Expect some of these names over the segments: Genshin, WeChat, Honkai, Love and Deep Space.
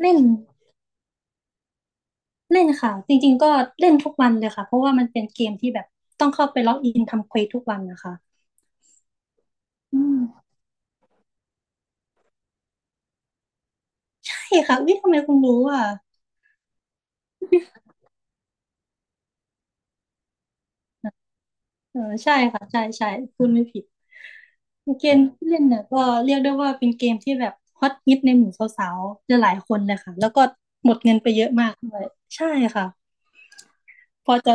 เล่นเล่นค่ะจริงๆก็เล่นทุกวันเลยค่ะเพราะว่ามันเป็นเกมที่แบบต้องเข้าไปล็อกอินทำเควสทุกวันนะคะอืมใช่ค่ะวิทำไมคุณรู้อ่ะเออใช่ค่ะใช่ใช่คุณไม่ผิดเกมที่เล่นเนี่ยก็เรียกได้ว่าเป็นเกมที่แบบฮอตฮิตในหมู่สาวๆจะหลายคนเลยค่ะแล้วก็หมดเงินไปเยอะมากด้วยใช่ค่ะพอจะ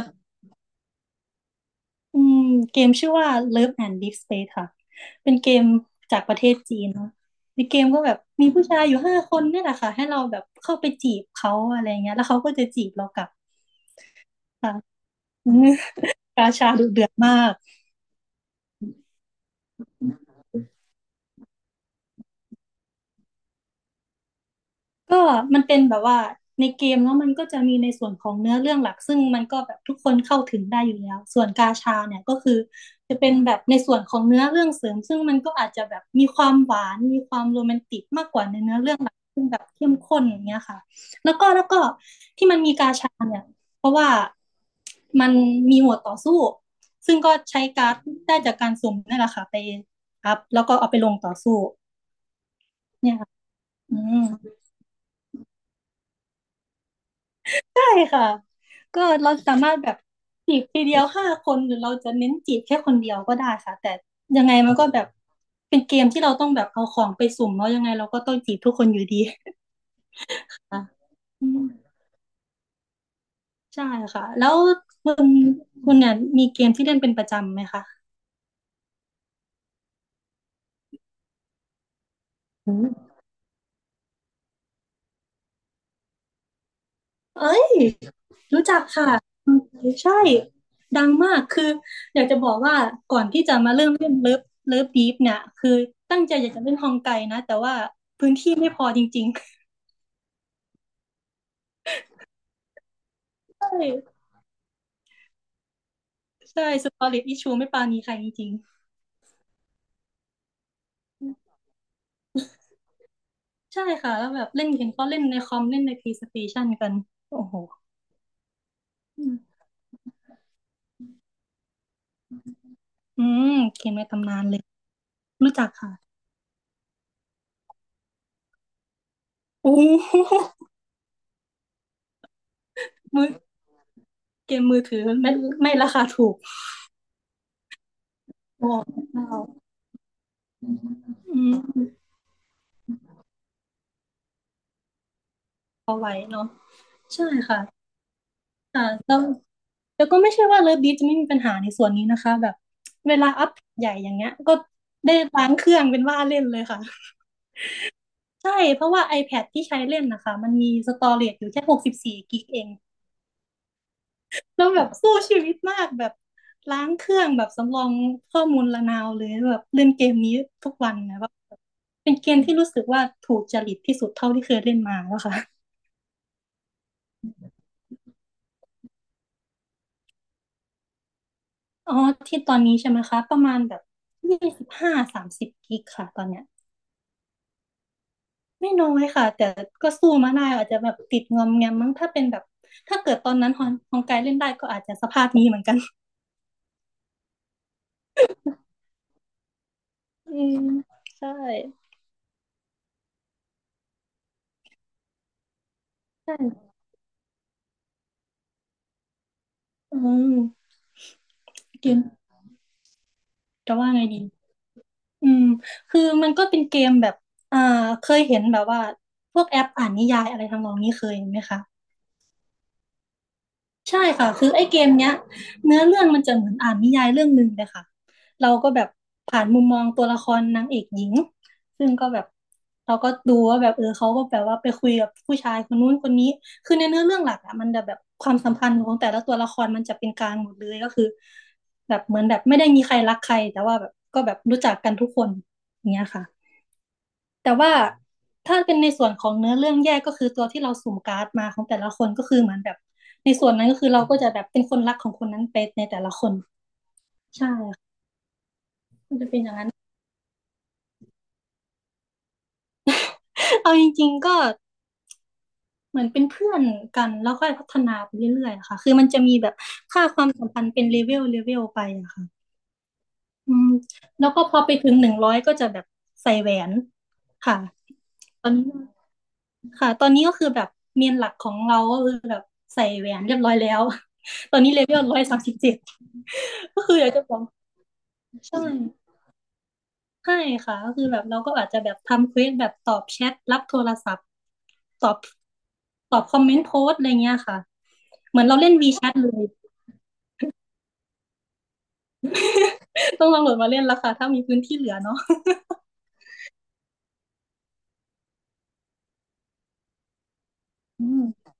อืมเกมชื่อว่า Love and Deep Space ค่ะ เป็นเกมจากประเทศจีนเนาะในเกมก็แบบมีผู้ชายอยู่ห้าคนเนี่ยแหละค่ะ ให้เราแบบเข้าไปจีบเขาอะไรเงี้ยแล้วเขาก็จะจีบเรากลับค่ะ อืมกาชาดุเดือดมาก ก็มันเป็นแบบว่าในเกมเนาะมันก็จะมีในส่วนของเนื้อเรื่องหลักซึ่งมันก็แบบทุกคนเข้าถึงได้อยู่แล้วส่วนกาชาเนี่ยก็คือจะเป็นแบบในส่วนของเนื้อเรื่องเสริมซึ่งมันก็อาจจะแบบมีความหวานมีความโรแมนติกมากกว่าในเนื้อเรื่องหลักซึ่งแบบเข้มข้นอย่างเงี้ยค่ะแล้วก็ที่มันมีกาชาเนี่ยเพราะว่ามันมีหมวดต่อสู้ซึ่งก็ใช้การ์ดได้จากการสุ่มนี่แหละค่ะไปอัพแล้วก็เอาไปลงต่อสู้เนี่ยค่ะอืม ใช่ค่ะก็เราสามารถแบบจีบทีเดียวห้าคนหรือเราจะเน้นจีบแค่คนเดียวก็ได้ค่ะแต่ยังไงมันก็แบบเป็นเกมที่เราต้องแบบเอาของไปสุ่มเนาะยังไงเราก็ต้องจีบทุกคนอยู่ดี ค่ะอืมใช่ค่ะแล้วคุณคุณเนี่ยมีเกมที่เล่นเป็นประจำไหมคะอืมเอ้ยรู้จักค่ะอืมใช่ดังมากคืออยากจะบอกว่าก่อนที่จะมาเริ่มเล่นเลิฟเลิฟดีฟเนี่ยคือตั้งใจอยากจะเล่นฮองไกนะแต่ว่าพื้นที่ไม่พอจริง ใช่ใช่สตอรี่อิชูไม่ปราณีใครจริงๆใช่ค่ะแล้วแบบเล่นเห็นเขาเล่นในคอมเล่นใน PlayStation กันโอ้โหอืมอืมเกมในตำนานเลยรู้จักค่ะโอ้โหมือเกมมือถือไม่ราคาถูกโอ้โหอืมไหวเนาะใช่ค่ะค่ะแล้วแล้วก็ไม่ใช่ว่าเลิฟบีจะไม่มีปัญหาในส่วนนี้นะคะแบบเวลาอัพใหญ่อย่างเงี้ยก็ได้ล้างเครื่องเป็นว่าเล่นเลยค่ะ ใช่เพราะว่า iPad ที่ใช้เล่นนะคะมันมีสตอเรจอยู่แค่64 กิกเองแล้วแบบสู้ชีวิตมากแบบล้างเครื่องแบบสำรองข้อมูลระนาวเลยแบบเล่นเกมนี้ทุกวันนะแบบเป็นเกมที่รู้สึกว่าถูกจริตที่สุดเท่าที่เคยเล่นมาแล้วค่ะอ๋อที่ตอนนี้ใช่ไหมคะประมาณแบบ25 30 กิกค่ะตอนเนี้ยไม่น้อยค่ะแต่ก็สู้มาได้อาจจะแบบติดงอมแงมมั้งถ้าเป็นแบบถ้าเกิดตอนนั้นฮองไกเล่นได้ก็อาจจะสภาพนี้เหมือนกันอืมใช่ ใช่อืมเกมจะว่าไงดีอืมคือมันก็เป็นเกมแบบอ่าเคยเห็นแบบว่าพวกแอปอ่านนิยายอะไรทำนองนี้เคยเห็นไหมคะ ใช่ค่ะคือไอ้เกมเนี้ยเนื้อเรื่องมันจะเหมือนอ่านนิยายเรื่องหนึ่งเลยค่ะเราก็แบบผ่านมุมมองตัวละครนางเอกหญิงซึ่งก็แบบเราก็ดูว่าแบบเออเขาก็แบบว่าไปคุยกับผู้ชายคนนู้นคนนี้คือในเนื้อเรื่องหลักอะมันจะแบบความสัมพันธ์ของแต่ละตัวละครมันจะเป็นกลางหมดเลยก็คือแบบเหมือนแบบไม่ได้มีใครรักใครแต่ว่าแบบก็แบบรู้จักกันทุกคนอย่างเงี้ยค่ะ แต่ว่าถ้าเป็นในส่วนของเนื้อเรื่องแยกก็คือตัวที่เราสุ่มการ์ดมาของแต่ละคนก็คือเหมือนแบบในส่วนนั้นก็คือเราก็จะแบบเป็นคนรักของคนนั้นไปในแต่ละคนใช่ค่ะมันจะเป็นอย่างนั้น เอาจริงๆก็เหมือนเป็นเพื่อนกันแล้วค่อยพัฒนาไปเรื่อยๆอะค่ะคือมันจะมีแบบค่าความสัมพันธ์เป็นเลเวลไปอะค่ะอืมแล้วก็พอไปถึง100ก็จะแบบใส่แหวนค่ะตอนนี้ ค่ะตอนนี้ก็คือแบบเมนหลักของเราก็คือแบบใส่แหวนเรียบร้อยแล้ว ตอนนี้เลเวล137ก็คืออยากจะบอกใช่ใช่ค่ะก็คือแบบเราก็อาจจะแบบทำเควสแบบตอบแชทรับโทรศัพท์ตอบตอบคอมเมนต์โพสต์อะไรเงี้ยค่ะเหมือนเราเล่น WeChat เลย ต้องลองโหลดมาเล่นแล้วค่ะถ้ามีพื้นที่เหลือเนาะอืม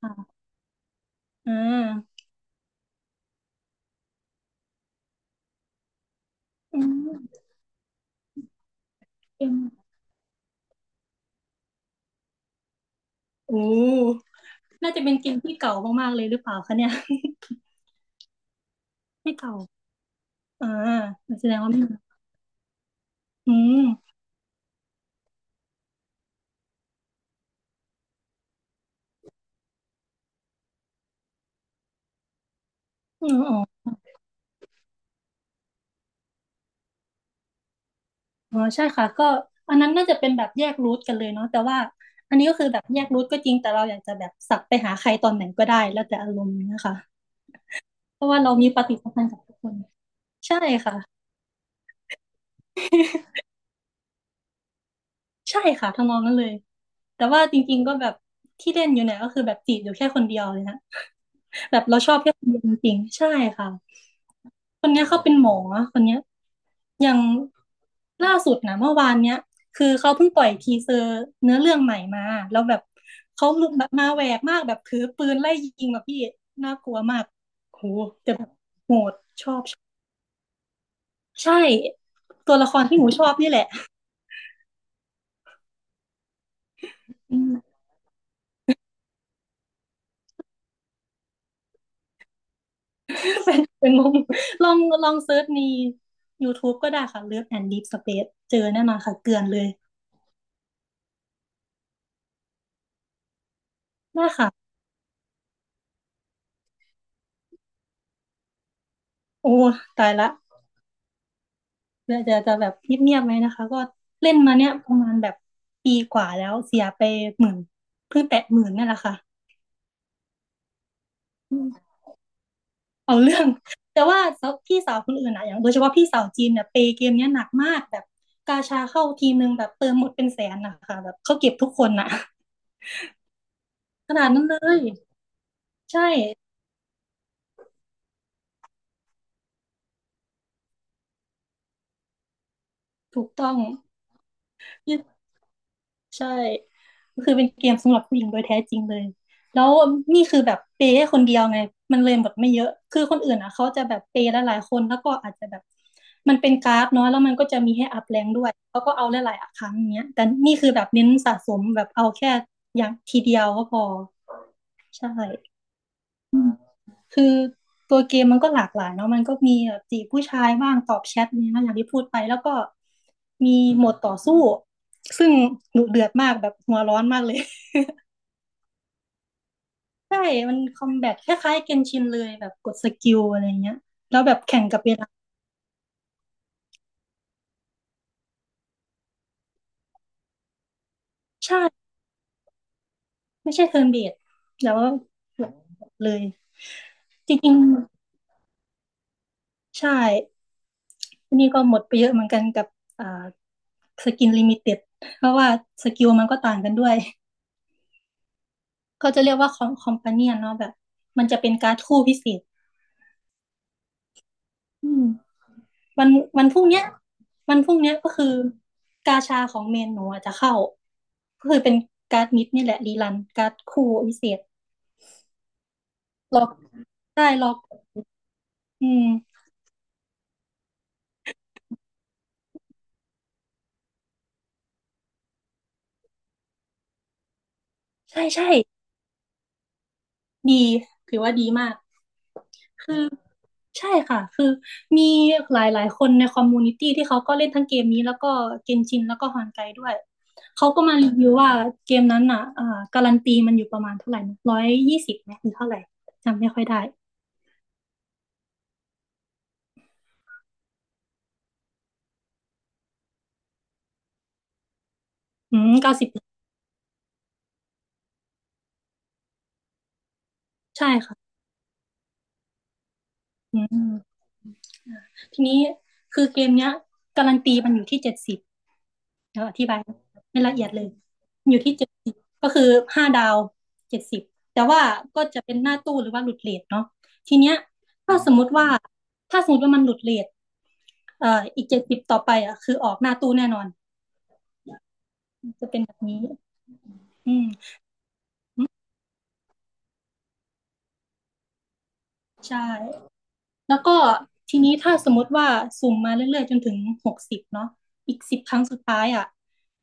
ค่ะอ่าอืมเกมโอ้น่าจะเป็นเกมที่เก่ามากๆเลยหรือเปล่าคะเนี่ย ไม่เก่า อ่าแสดงว่าไม่อืม อืมอ๋ออ๋อใช่ค่ะ ก็อันนั้นน่าจะเป็นแบบแยกรูทกันเลยเนาะแต่ว่าอันนี้ก็คือแบบแยกรูทก็จริงแต่เราอยากจะแบบสับไปหาใครตอนไหนก็ได้แล้วแต่อารมณ์เนะคะเพราะว่าเรามีปฏิสัมพันธ์กับทุกคนใช่ค่ะ ใช่ค่ะทำนองนั้นเลยแต่ว่าจริงๆก็แบบที่เล่นอยู่เนี่ยก็คือแบบจีบอยู่แค่คนเดียวเลยนะ จริงๆใช่ค่ะคนเนี้ยเขาเป็นหมอคนเนี้ยอย่างล่าสุดนะเมื่อวานเนี้ยคือเขาเพิ่งปล่อยทีเซอร์เนื้อเรื่องใหม่มาแล้วแบบเขาลุกแบบมาแหวกมากแบบถือปืนไล่ยิงแบบพี่น่ากลัวมากโหแต่แบบโหดชอบชอบใช่ตัวละครที่หนูชอบนี่แหละอืมเป็นงงลองลองเซิร์ชใน YouTube ก็ได้ค่ะ Love and Deep Space เจอแน่นอนค่ะเกลือนเลยได้ค่ะโอ้ตายละ เพื่อจะแบบเงียบๆไหมนะคะก็เล่นมาเนี้ยประมาณแบบปีกว่าแล้วเสียไปหมื่นเพิ่งแตะหมื่นนั่นแหละค่ะอืมเอาเรื่องแต่ว่าพี่สาวคนอื่นอะอย่างโดยเฉพาะพี่สาวจีนเนี่ยเปย์เกมเนี้ยหนักมากแบบกาชาเข้าทีนึงแบบเติมหมดเป็นแสนนะคะแบบเขาเก็บทุกคนน่ะขนาดนั้นเลยใช่ถูกต้อง ใช่ก็คือเป็นเกมสำหรับผู้หญิงโดยแท้จริงเลยแล้วนี่คือแบบเปย์ให้คนเดียวไงมันเลยหมดไม่เยอะคือคนอื่นอ่ะเขาจะแบบเปย์หลายๆคนแล้วก็อาจจะแบบมันเป็นการ์ดเนาะแล้วมันก็จะมีให้อัพแรงด้วยเขาก็เอาหลายๆครั้งอย่างเงี้ยแต่นี่คือแบบเน้นสะสมแบบเอาแค่อย่างทีเดียวก็พอใช่คือตัวเกมมันก็หลากหลายเนาะมันก็มีแบบจีบผู้ชายบ้างตอบแชทเนี่ยนะอย่างที่พูดไปแล้วก็มีโหมดต่อสู้ซึ่งดุเดือดมากแบบหัวร้อนมากเลย ใช่ มันคอมแบทคล้ายๆเกนชินเลยแบบกดสกิลอะไรเงี้ย แล้วแบบแข่งกับเวลาใช่ไม่ใช่เทิร์นเบสแล้วแบบเลยจริงๆใช่ทีนี้ก็หมดไปเยอะเหมือนกันกับอ่าสกินลิมิเต็ดเพราะว่าสกิลมันก็ต่างกันด้วยเขาจะเรียกว่าคอมคอมพาเนียนเนาะแบบมันจะเป็นการ์ดคู่พิเศษอืมวันวันพรุ่งเนี้ยวันพรุ่งเนี้ยก็คือกาชาของเมนหนูอาจจะเข้าก็คือเป็นการ์ดมิดนี่แหละรีรันการ์ดคู่พิเศษ ล็อกได้ล็อกอืมใช่ใช่ดีถือว่าดีมากใช่ค่ะคือมีหลายคนในคอมมูนิตี้ที่เขาก็เล่นทั้งเกมนี้แล้วก็เกนชินแล้วก็ฮอนไกด้วยเขาก็มารีวิวว่าเกมนั้นอ่ะการันตีมันอยู่ประมาณเท่าไหร่นะ120ไหมหรือเท่าไหร่จำไม่ค่อยได้อืม90ใช่ค่ะอืมทีนี้คือเกมเนี้ยการันตีมันอยู่ที่เจ็ดสิบ แลีวอธิบายไม่ละเอียดเลยอยู่ที่เจ็ดสิบก็คือห้าดาวเจ็ดสิบแต่ว่าก็จะเป็นหน้าตู้หรือว่าหลุดเรทเนาะทีเนี้ยถ้าสมมติว่าถ้าสมมติว่ามันหลุดเรทอีกเจ็ดสิบต่อไปอ่ะคือออกหน้าตู้แน่นอนจะเป็นแบบนี้อืมใช่แล้วก็ทีนี้ถ้าสมมติว่าสุ่มมาเรื่อยๆจนถึง60เนาะอีก10 ครั้งสุดท้ายอ่ะ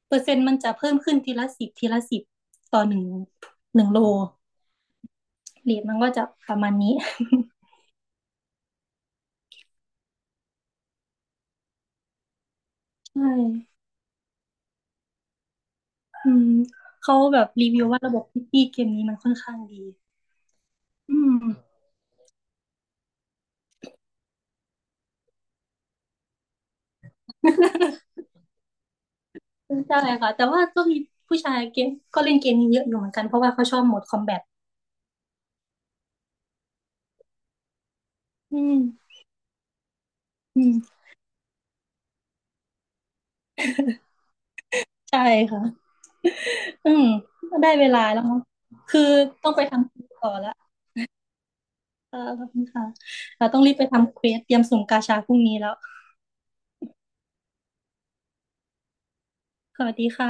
เปอร์เซ็นต์มันจะเพิ่มขึ้นทีละ 10 ทีละ 10ต่อหนึ่งหนึ่งโลเรทมันก็จะประมาณนี้ ใช่อืมเขาแบบรีวิวว่าระบบพิตี้เกมนี้มันค่อนข้างดีอืมใช่ค่ะ แต่ว่าก็มีผู้ชายเกมก็เล่นเกมนี้เยอะอยู่เหมือนกันเพราะว่าเขาชอบโหมดคอมแบทอืมอืมใช่ค่ะอืมได้เวลาแล้วเนอะคือต้องไปทำคิวต่อละเออขอบคุณค่ะเราต้องรีบไปทำเควสเตรียมสุ่มกาชาพรุ่งนี้แล้วสวัสดีค่ะ